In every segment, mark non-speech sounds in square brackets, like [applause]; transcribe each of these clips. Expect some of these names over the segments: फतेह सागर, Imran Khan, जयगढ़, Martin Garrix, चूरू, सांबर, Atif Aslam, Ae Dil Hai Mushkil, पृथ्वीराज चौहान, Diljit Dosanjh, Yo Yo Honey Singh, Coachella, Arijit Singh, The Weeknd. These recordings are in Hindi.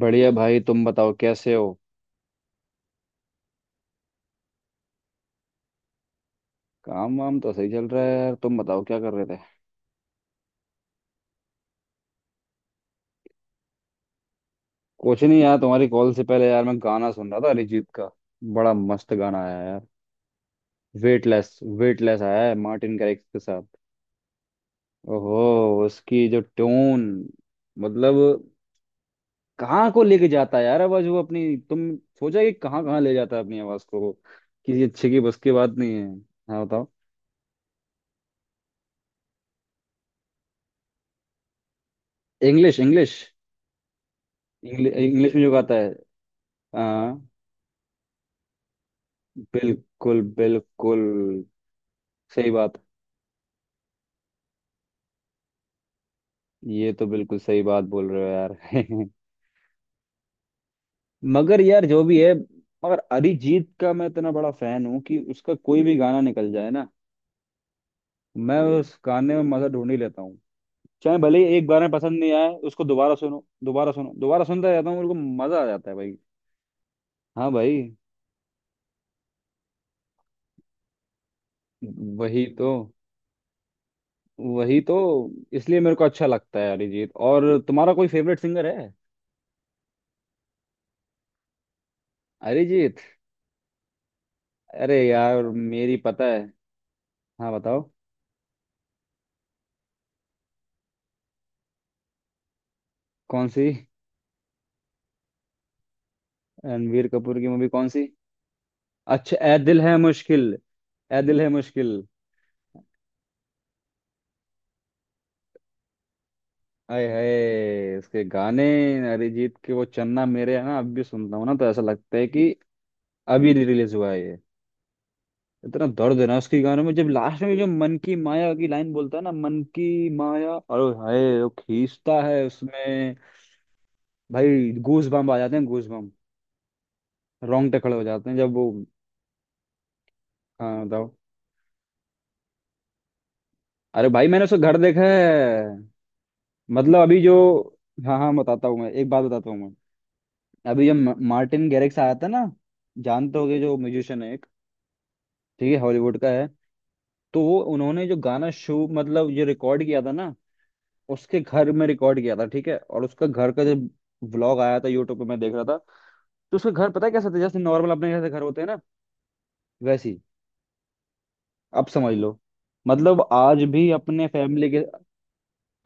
बढ़िया भाई। तुम बताओ कैसे हो। काम वाम तो सही चल रहा है यार। तुम बताओ क्या कर रहे थे। कुछ नहीं यार, तुम्हारी कॉल से पहले यार मैं गाना सुन रहा था अरिजीत का। बड़ा मस्त गाना आया यार। वेटलेस वेटलेस आया है मार्टिन गारिक्स के साथ। ओहो। उसकी जो ट्यून, मतलब कहाँ को लेके जाता है यार आवाज वो अपनी। तुम सोचा कि कहाँ कहाँ ले जाता है अपनी आवाज को वो? किसी अच्छे की बस की बात नहीं है। हाँ बताओ। English, English. इंग्लिश में जो गाता है। हाँ। बिल्कुल बिल्कुल। सही बात। ये तो बिल्कुल सही बात बोल रहे हो यार। [laughs] मगर यार जो भी है। मगर अरिजीत का मैं इतना बड़ा फैन हूँ कि उसका कोई भी गाना निकल जाए ना, मैं उस गाने में मजा ढूंढ ही लेता हूँ। चाहे भले ही एक बार में पसंद नहीं आए, उसको दोबारा सुनो, दोबारा सुनो, दोबारा सुनता रहता हूँ मेरे को। मजा आ जाता है भाई। हाँ भाई। वही तो। वही तो। इसलिए मेरे को अच्छा लगता है अरिजीत। और तुम्हारा कोई फेवरेट सिंगर है। अरिजीत। अरे यार मेरी पता है। हाँ बताओ। कौन सी। रणवीर कपूर की मूवी कौन सी। अच्छा, ए दिल है मुश्किल। ए दिल है मुश्किल। आए हाय उसके गाने। अरिजीत के वो चन्ना मेरे है ना, अब भी सुनता हूँ ना तो ऐसा लगता है कि अभी रिलीज हुआ है ये। इतना दर्द है ना उसके गानों में, जब लास्ट में जो मन की माया की लाइन बोलता है ना, मन की माया, और हाय वो खींचता है उसमें। भाई गूज बम्प आ जाते हैं, गूज बम्प। रोंगटे खड़े हो जाते हैं जब वो। हाँ बताओ। अरे भाई मैंने उसका घर देखा है। मतलब अभी जो, हाँ हाँ, बताता हूँ मैं एक बात बताता हूँ मैं। अभी जब मार्टिन गैरिक्स आया था ना, जानते होगे जो म्यूजिशियन है एक। ठीक है, हॉलीवुड का है। तो वो उन्होंने जो गाना शो मतलब ये रिकॉर्ड किया था ना, उसके घर में रिकॉर्ड किया था। ठीक है। और उसका घर का जो व्लॉग आया था यूट्यूब पे, मैं देख रहा था तो उसका घर पता है कैसा था, जैसे नॉर्मल अपने जैसे घर होते हैं ना, वैसे ही। अब समझ लो। मतलब आज भी अपने फैमिली के,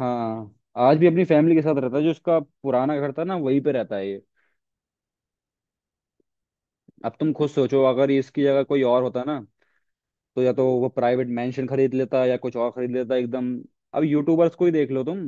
हाँ, आज भी अपनी फैमिली के साथ रहता है। जो उसका पुराना घर था ना वहीं पे रहता है ये। अब तुम खुद सोचो, अगर इसकी जगह कोई और होता ना, तो या तो वो प्राइवेट मेंशन खरीद लेता या कुछ और खरीद लेता एकदम। अब यूट्यूबर्स को ही देख लो तुम।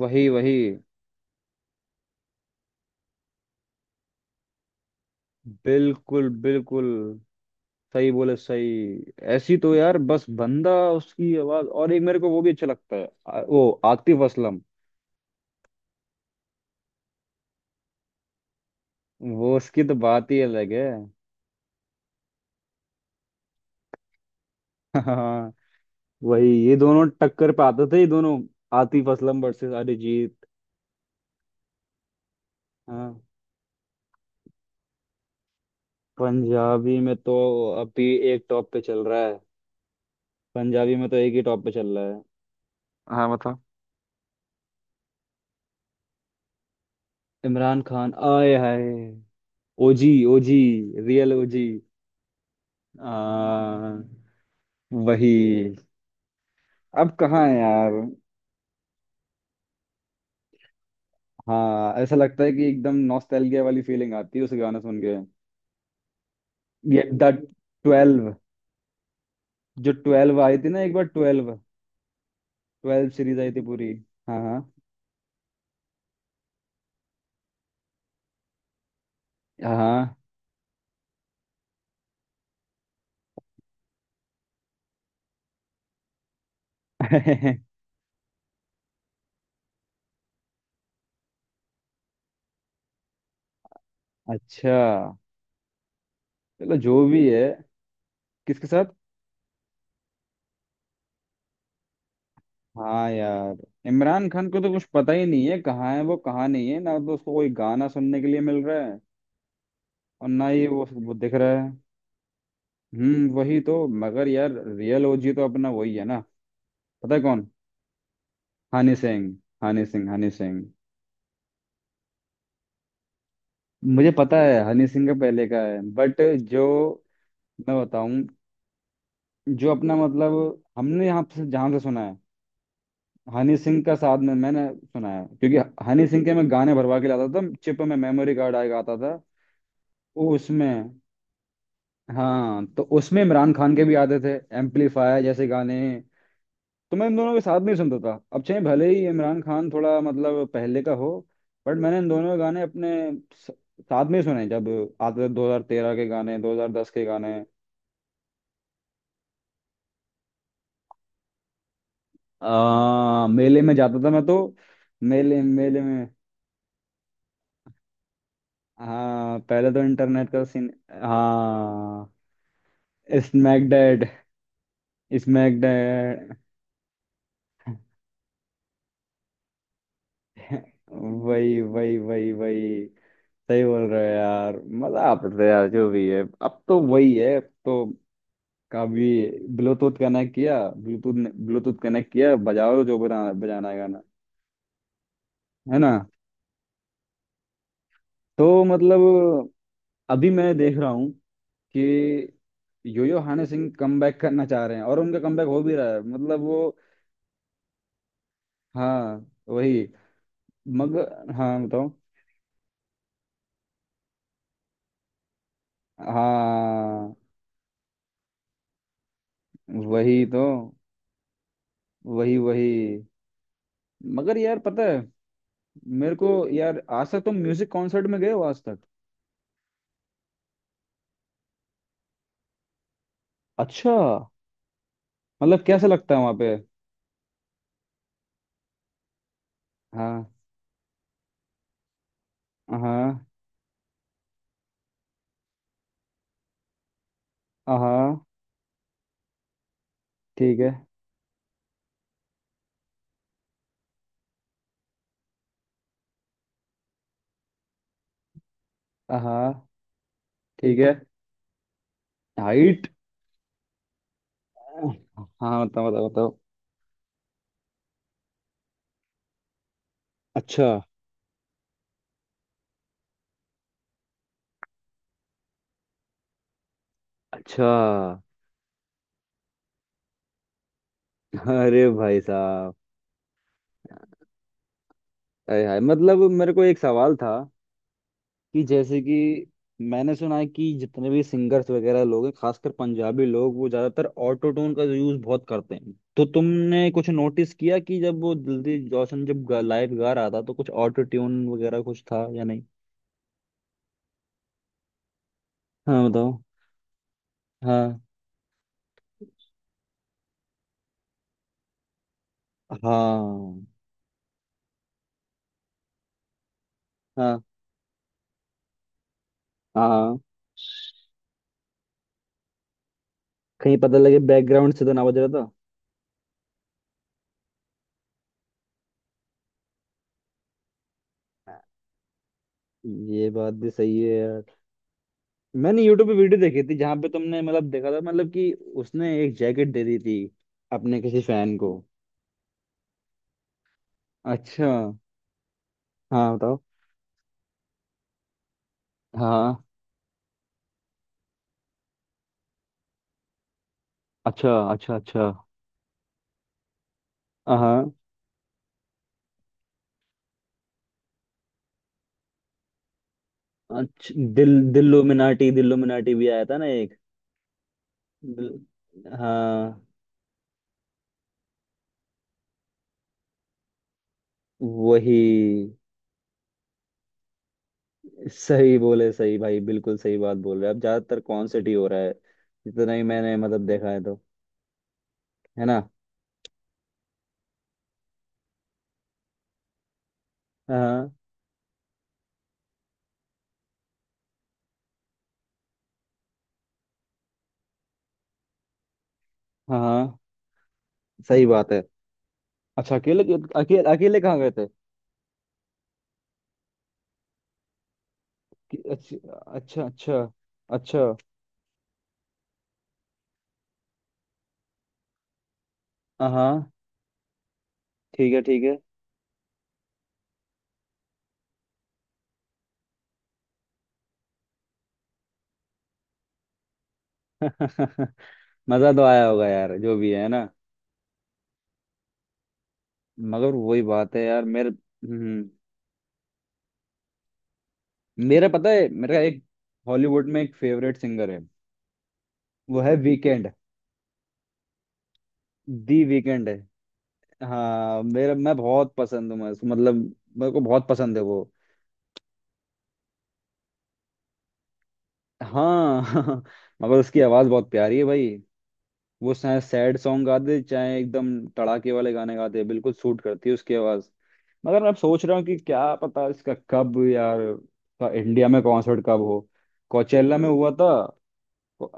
वही वही। बिल्कुल बिल्कुल। सही बोले सही। ऐसी तो यार, बस बंदा उसकी आवाज। और एक मेरे को वो भी अच्छा लगता है वो आतिफ असलम। वो उसकी तो बात ही अलग है। [laughs] हाँ वही। ये दोनों टक्कर पे आते थे ये दोनों। आतिफ असलम वर्सेस अरिजीत। हाँ। पंजाबी में तो अभी एक टॉप पे चल रहा है। पंजाबी में तो एक ही टॉप पे चल रहा है। हाँ बताओ। इमरान खान। आए हाय। OG OG. Real OG. आ वही। अब कहाँ है यार। हाँ ऐसा लगता है कि एकदम नॉस्टैल्जिया वाली फीलिंग आती है उस गाना सुन के। ये द ट्वेल्व, जो ट्वेल्व आई थी ना एक बार, ट्वेल्व। ट्वेल्व सीरीज आई थी पूरी। हाँ हाँ। हाँ। [laughs] अच्छा। चलो जो भी है। किसके साथ। हाँ यार इमरान खान को तो कुछ पता ही नहीं है, कहाँ है वो, कहाँ नहीं है। ना तो उसको कोई गाना सुनने के लिए मिल रहा है और ना ही वो दिख रहा है। वही तो, मगर यार रियल ओजी तो अपना वही है ना। पता है कौन, हनी सिंह। हनी सिंह, हनी सिंह। मुझे पता है हनी सिंह का पहले का है बट, जो, मैं बताऊं, जो अपना मतलब हमने यहाँ से जहाँ से सुना है हनी सिंह का साथ में मैंने सुना है, क्योंकि हनी सिंह के मैं गाने भरवा के लाता था चिप में। मेमोरी कार्ड आएगा आता था वो उसमें। हाँ, तो उसमें इमरान खान के भी आते थे, एम्पलीफायर जैसे गाने। तो मैं इन दोनों के साथ नहीं सुनता था। अब चाहे भले ही इमरान खान थोड़ा मतलब पहले का हो, बट मैंने इन दोनों के गाने अपने स- साथ में ही सुने, जब आते थे 2013 के गाने, 2010 के गाने। आ, मेले में जाता था मैं तो। मेले मेले में। हाँ, पहले तो इंटरनेट का सीन। हाँ। Smack that. Smack dad. [laughs] वही वही वही वही। सही बोल रहे हो यार। मजा आप रहे हैं यार, जो भी है अब तो वही है अब तो। कभी ब्लूटूथ कनेक्ट किया, ब्लूटूथ ब्लूटूथ कनेक्ट किया, बजाओ जो बजाना बजाना है गाना। है ना। तो मतलब अभी मैं देख रहा हूँ कि योयो हनी सिंह कमबैक करना चाह रहे हैं और उनका कमबैक हो भी रहा है, मतलब वो। हाँ वही। मगर हाँ बताओ। हाँ। वही तो। वही वही। मगर यार पता है, मेरे को यार आज तक, तुम म्यूजिक कॉन्सर्ट में गए हो आज तक। अच्छा। मतलब कैसा लगता है वहां पे। हाँ हाँ। हाँ। ठीक है। हाँ ठीक है। हाइट। हाँ बताओ बताओ बताओ। अच्छा अच्छा। अरे भाई साहब। अरे हाय, मतलब मेरे को एक सवाल था, कि जैसे कि मैंने सुना है कि जितने भी सिंगर्स वगैरह लोग हैं, खासकर पंजाबी लोग, वो ज्यादातर ऑटो ट्यून का यूज बहुत करते हैं। तो तुमने कुछ नोटिस किया कि जब वो दिलजीत दोसांझ जब लाइव गा रहा था, तो कुछ ऑटो ट्यून वगैरह कुछ था या नहीं। हाँ बताओ। हाँ हाँ हाँ हाँ। कहीं पता लगे बैकग्राउंड से तो ना बज रहा था। ये बात भी सही है यार। मैंने यूट्यूब पे वीडियो देखी थी जहां पे तुमने मतलब देखा था, मतलब कि उसने एक जैकेट दे दी थी अपने किसी फैन को। अच्छा। हाँ बताओ। हाँ। अच्छा अच्छा अच्छा। हाँ। अच्छा दिल्लुमिनाटी, दिल्लुमिनाटी भी आया था ना एक। दिल, हाँ। वही। सही बोले सही भाई, बिल्कुल सही बात बोल रहे हैं। अब ज्यादातर कॉन्सर्ट ही हो रहा है, जितना ही मैंने मतलब देखा है तो। है ना। हाँ हाँ। हाँ, हाँ। सही बात है। अच्छा अकेले। अकेले अकेले कहाँ गए थे। अच्छा अच्छा अच्छा। अच्छा। हाँ हाँ। ठीक है ठीक है। [laughs] मजा तो आया होगा यार, जो भी है ना। मगर वही बात है यार मेरे। हम्म। मेरा पता है, मेरा एक हॉलीवुड में एक फेवरेट सिंगर है। वो है वीकेंड। दी वीकेंड है। हाँ मेरा मैं बहुत पसंद हूँ मैं उसको, मतलब मेरे को बहुत पसंद है वो। हाँ [laughs] मगर उसकी आवाज़ बहुत प्यारी है भाई। वो चाहे सैड सॉन्ग गा दे, चाहे एकदम तड़ाके वाले गाने गा दे, बिल्कुल सूट करती है उसकी आवाज़। मगर मैं अब सोच रहा हूँ कि क्या पता इसका कब यार का इंडिया में कॉन्सर्ट कब हो। कोचेला में हुआ था।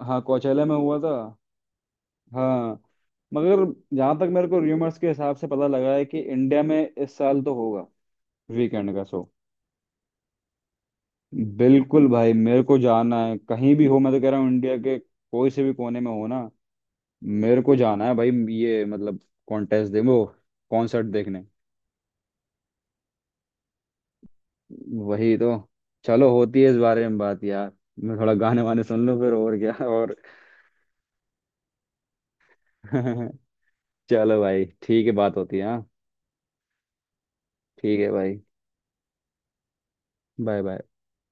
हाँ कोचेला में हुआ था। हाँ। मगर जहां तक मेरे को र्यूमर्स के हिसाब से पता लगा है कि इंडिया में इस साल तो होगा, वीकेंड का शो। बिल्कुल भाई, मेरे को जाना है कहीं भी हो। मैं तो कह रहा हूँ इंडिया के कोई से भी कोने में हो ना, मेरे को जाना है भाई। ये मतलब कॉन्टेस्ट दे वो, कॉन्सर्ट देखने। वही तो। चलो, होती है इस बारे में बात यार। मैं थोड़ा गाने वाने सुन लूँ फिर, और क्या, और। [laughs] चलो भाई ठीक है, बात होती है। हाँ ठीक है भाई। Bye bye.